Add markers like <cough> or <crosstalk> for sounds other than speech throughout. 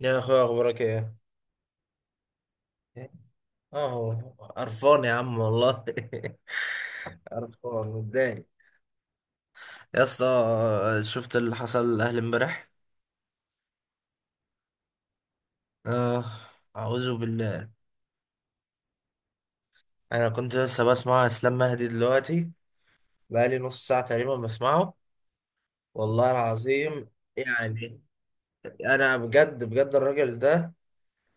يا اخويا، اخبارك ايه؟ اه، قرفان يا عم والله. <laughs> قرفان، متضايق. يا اسطى، شفت اللي حصل الاهلي امبارح؟ اه. اعوذ بالله. انا كنت لسه بسمع اسلام مهدي دلوقتي. بقالي نص ساعه تقريبا بسمعه. والله العظيم. يعني. انا بجد بجد الراجل ده،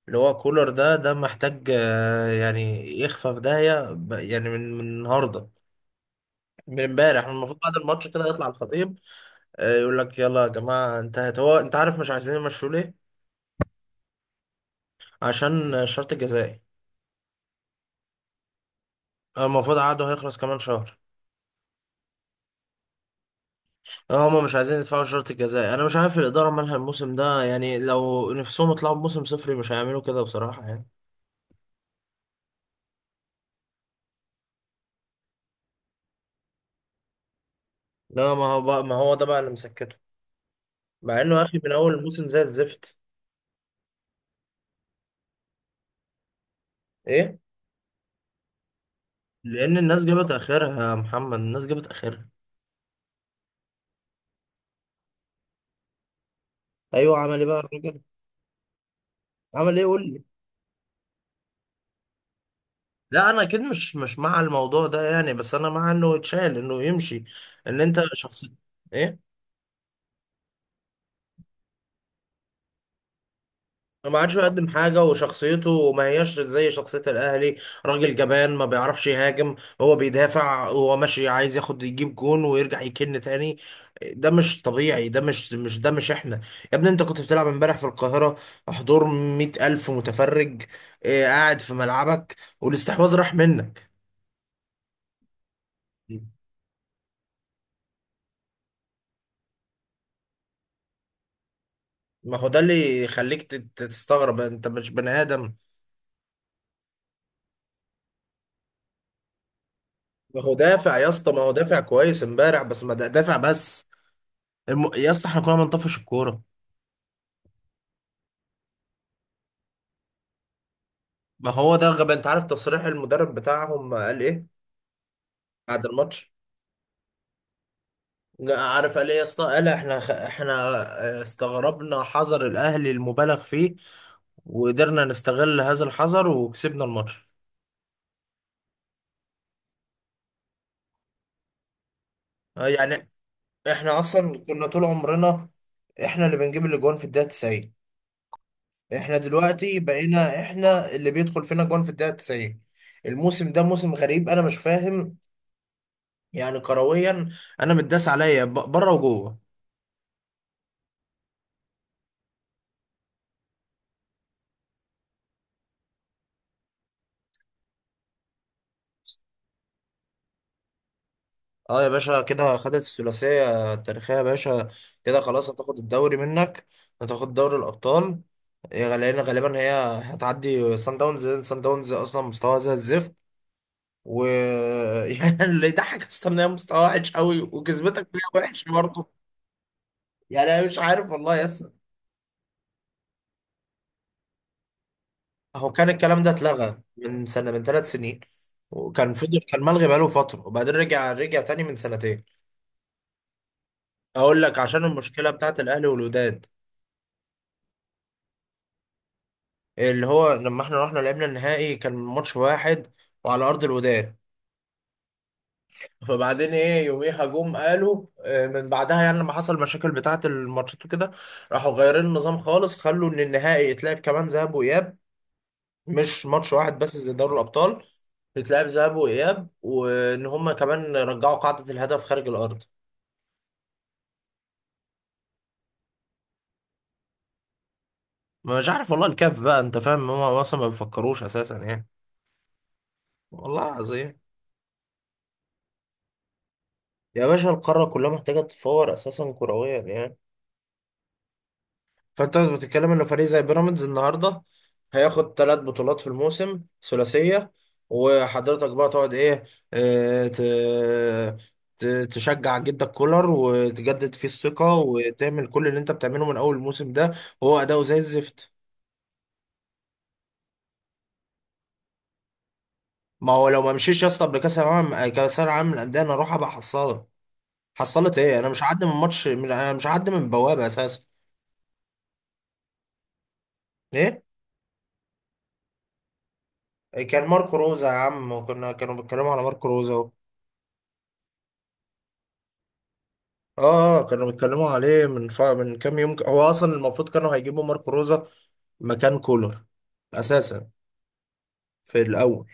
اللي هو كولر ده محتاج يعني، يخفى في داهيه يعني من النهارده، من امبارح المفروض بعد الماتش كده يطلع الخطيب. يقول لك يلا يا جماعه انتهت. هو انت عارف مش عايزين يمشوا ليه؟ عشان الشرط الجزائي. هو المفروض عقده هيخلص كمان شهر. هما مش عايزين يدفعوا الشرط الجزائي. انا مش عارف الاداره مالها الموسم ده يعني، لو نفسهم يطلعوا بموسم صفري مش هيعملوا كده بصراحه يعني. لا ما هو بقى، ما هو ده بقى اللي مسكته، مع انه يا اخي من اول الموسم زي الزفت. ايه، لان الناس جابت اخرها يا محمد، الناس جابت اخرها. ايوه، عمل ايه بقى الراجل؟ عمل ايه، قول لي. لا، انا اكيد مش مع الموضوع ده يعني، بس انا مع انه يتشال، انه يمشي. ان انت شخص. ايه، ما عادش يقدم حاجه، وشخصيته ما هياش زي شخصيه الاهلي. راجل جبان، ما بيعرفش يهاجم. هو بيدافع، هو ماشي عايز ياخد يجيب جون ويرجع يكن تاني. ده مش طبيعي، ده مش ده، مش احنا. يا ابني، انت كنت بتلعب امبارح في القاهره، حضور 100 ألف متفرج. إيه، قاعد في ملعبك والاستحواذ راح منك؟ ما هو ده اللي يخليك تستغرب، انت مش بني ادم. ما هو دافع يا اسطى، ما هو دافع كويس امبارح، بس ما دافع بس. يا اسطى، احنا كنا بنطفش الكوره. ما هو ده الغباء، انت عارف تصريح المدرب بتاعهم قال ايه؟ بعد الماتش. لا، عارف قال ايه يا اسطى؟ قال احنا احنا. استغربنا حذر الاهلي المبالغ فيه، وقدرنا نستغل هذا الحذر وكسبنا الماتش. يعني، احنا اصلا كنا طول عمرنا احنا اللي بنجيب الاجوان في الدقيقه 90. احنا دلوقتي بقينا احنا اللي بيدخل فينا جون في الدقيقة 90. الموسم ده موسم غريب، انا مش فاهم، يعني كرويا. انا متداس عليا بره وجوه. اه يا باشا، كده خدت الثلاثية التاريخية يا باشا. كده خلاص، هتاخد الدوري منك، هتاخد دوري الأبطال. إيه، لأن غالبا هي هتعدي سان داونز. سان داونز أصلا مستواها زي الزفت، و <laughs> يعني اللي يضحك أصلا إن هي مستواها وحش أوي وكسبتك فيها وحش برضه. يعني أنا مش عارف والله يا... هو كان الكلام ده اتلغى من سنة، من 3 سنين، وكان فضل كان ملغي بقاله فترة، وبعدين رجع تاني من سنتين. اقول لك، عشان المشكلة بتاعت الاهلي والوداد، اللي هو لما احنا رحنا لعبنا النهائي كان ماتش واحد وعلى ارض الوداد. فبعدين ايه، يوميها جم قالوا من بعدها، يعني لما حصل المشاكل بتاعت الماتشات وكده، راحوا غيرين النظام خالص، خلوا ان النهائي يتلعب كمان ذهاب واياب، مش ماتش واحد بس زي دوري الابطال، بتلعب ذهاب واياب، وان هم كمان رجعوا قاعده الهدف خارج الارض. مش عارف والله، الكاف بقى انت فاهم، هم اصلا ما بيفكروش اساسا يعني. والله العظيم. يا باشا، القاره كلها محتاجه تتفور اساسا كرويا يعني. فانت بتتكلم ان فريق زي بيراميدز النهارده هياخد ثلاث بطولات في الموسم، ثلاثيه. وحضرتك بقى تقعد ايه؟ آه، ت- ت- تشجع جدك كولر وتجدد فيه الثقه، وتعمل كل اللي انت بتعمله من اول الموسم ده، وهو اداؤه زي الزفت. ما هو لو ما مشيش يا اسطى قبل كاس العالم، كاس العالم للانديه، انا اروح ابقى حصاله. حصلت ايه؟ انا مش هعدي من ماتش، انا مش هعدي من بوابه اساسا. ايه، كان ماركو روزا يا عم، وكنا كانوا بيتكلموا على ماركو روزا. اه، كانوا بيتكلموا عليه من كام يوم. هو اصلا المفروض كانوا هيجيبوا ماركو روزا مكان كولر اساسا في الاول.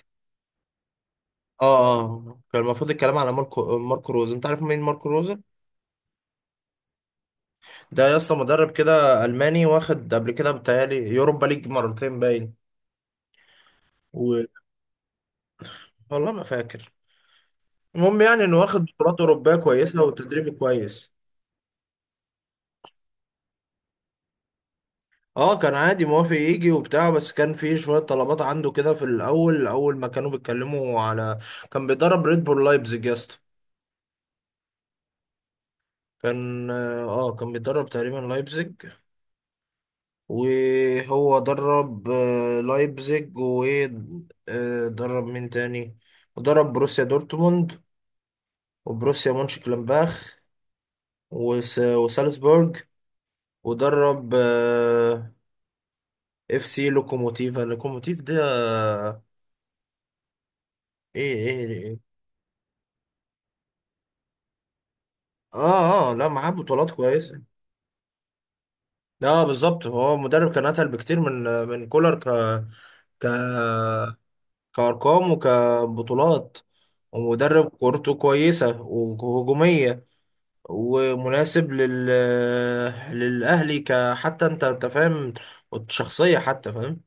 كان المفروض الكلام على ماركو روزا. انت عارف مين ماركو روزا؟ ده يا اسطى مدرب كده الماني، واخد قبل كده بتهيألي يوروبا ليج مرتين باين. و... والله ما فاكر. المهم يعني انه واخد بطولات اوروبيه كويسه وتدريب كويس. اه، كان عادي موافق يجي وبتاع، بس كان في شوية طلبات عنده كده في الأول، أول ما كانوا بيتكلموا على... كان بيدرب ريد بول لايبزيج يا اسطى. كان اه آه، كان بيدرب تقريبا لايبزيج. وهو درب لايبزيج، ودرب مين تاني؟ ودرب بروسيا دورتموند، وبروسيا مونشنجلادباخ، وسالزبورج. ودرب اف سي لوكوموتيف. لوكوموتيف ده آه، ايه، ايه. اه، اه، لا، معاه بطولات كويسة. اه، بالظبط، هو مدرب كان اتقل بكتير من كولر، ك ك كارقام وكبطولات. ومدرب كورته كويسة وهجومية، ومناسب للأهلي، كحتى انت فاهم، شخصية حتى فاهم.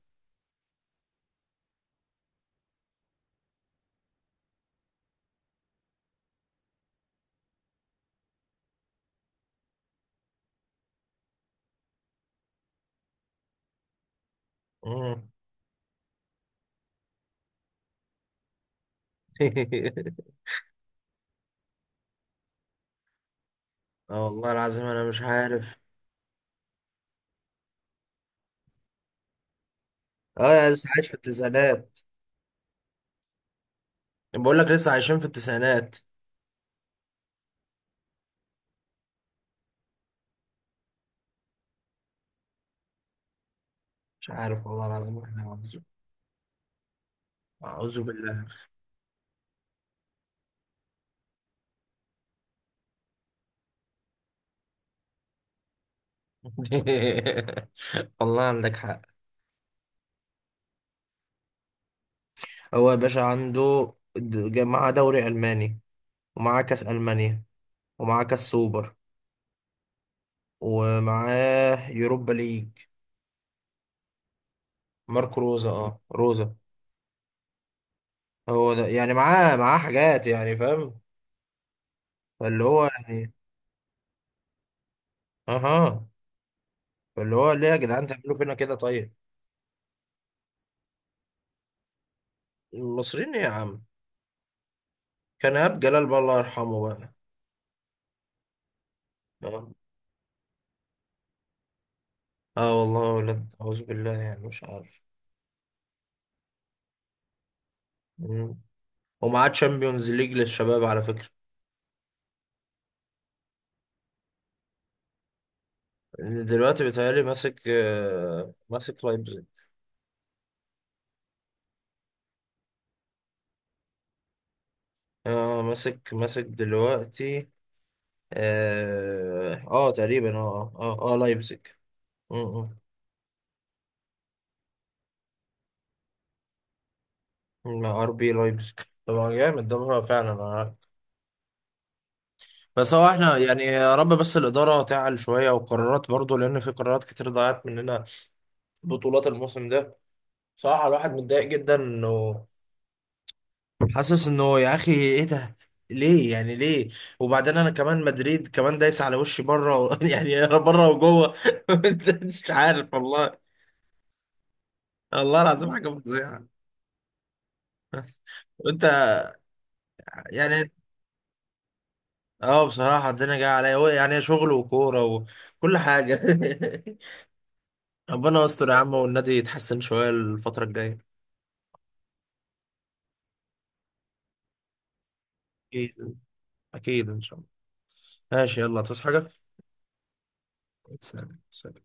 مم. <laughs> اه والله العظيم، انا مش عارف. اه، يا لسه عايش في التسعينات، بقول لك لسه عايشين في التسعينات. مش عارف والله العظيم. احنا أعوذ أعوذ بالله. <laughs> والله عندك حق. هو يا باشا معاه دوري ألماني، ومعاه كأس ألمانيا، ومعاه كأس سوبر، ومعاه يوروبا ليج. ماركو روزا، روزا. هو ده يعني معاه حاجات، يعني فاهم. فاللي هو يعني، اها. فاللي هو، ليه يا جدعان تعملوا فينا كده طيب؟ المصريين إيه يا عم؟ كان إيهاب جلال بقى، الله يرحمه بقى. اه. آه والله يا ولد، أعوذ بالله، يعني مش عارف. مم. ومعاه تشامبيونز ليج للشباب، على فكرة. دلوقتي بيتهيألي ماسك لايبزيج. اه، ماسك دلوقتي. تقريبا، لايبزيج. م- م. مع ار بي لايبزيج، طبعا جامد ده، هو فعلا. بس هو احنا يعني يا رب، بس الإدارة تعل شوية وقرارات برضو، لأن في قرارات كتير ضاعت مننا، بطولات الموسم ده. صراحة الواحد متضايق جدا، انه حاسس انه يا اخي ايه ده؟ ليه يعني؟ ليه؟ وبعدين انا كمان، مدريد كمان دايس على وشي بره <laughs> يعني انا بره وجوه. <laughs> أنت مش عارف والله. والله العظيم حاجه فظيعه. وانت، يعني، اه بصراحه الدنيا جايه عليا، هو يعني شغل وكوره وكل حاجه. <laughs> ربنا يستر يا عم، والنادي يتحسن شويه الفتره الجايه. اكيد. اكيد ان شاء الله. ماشي، يلا تصحى حاجه. سلام، سلام.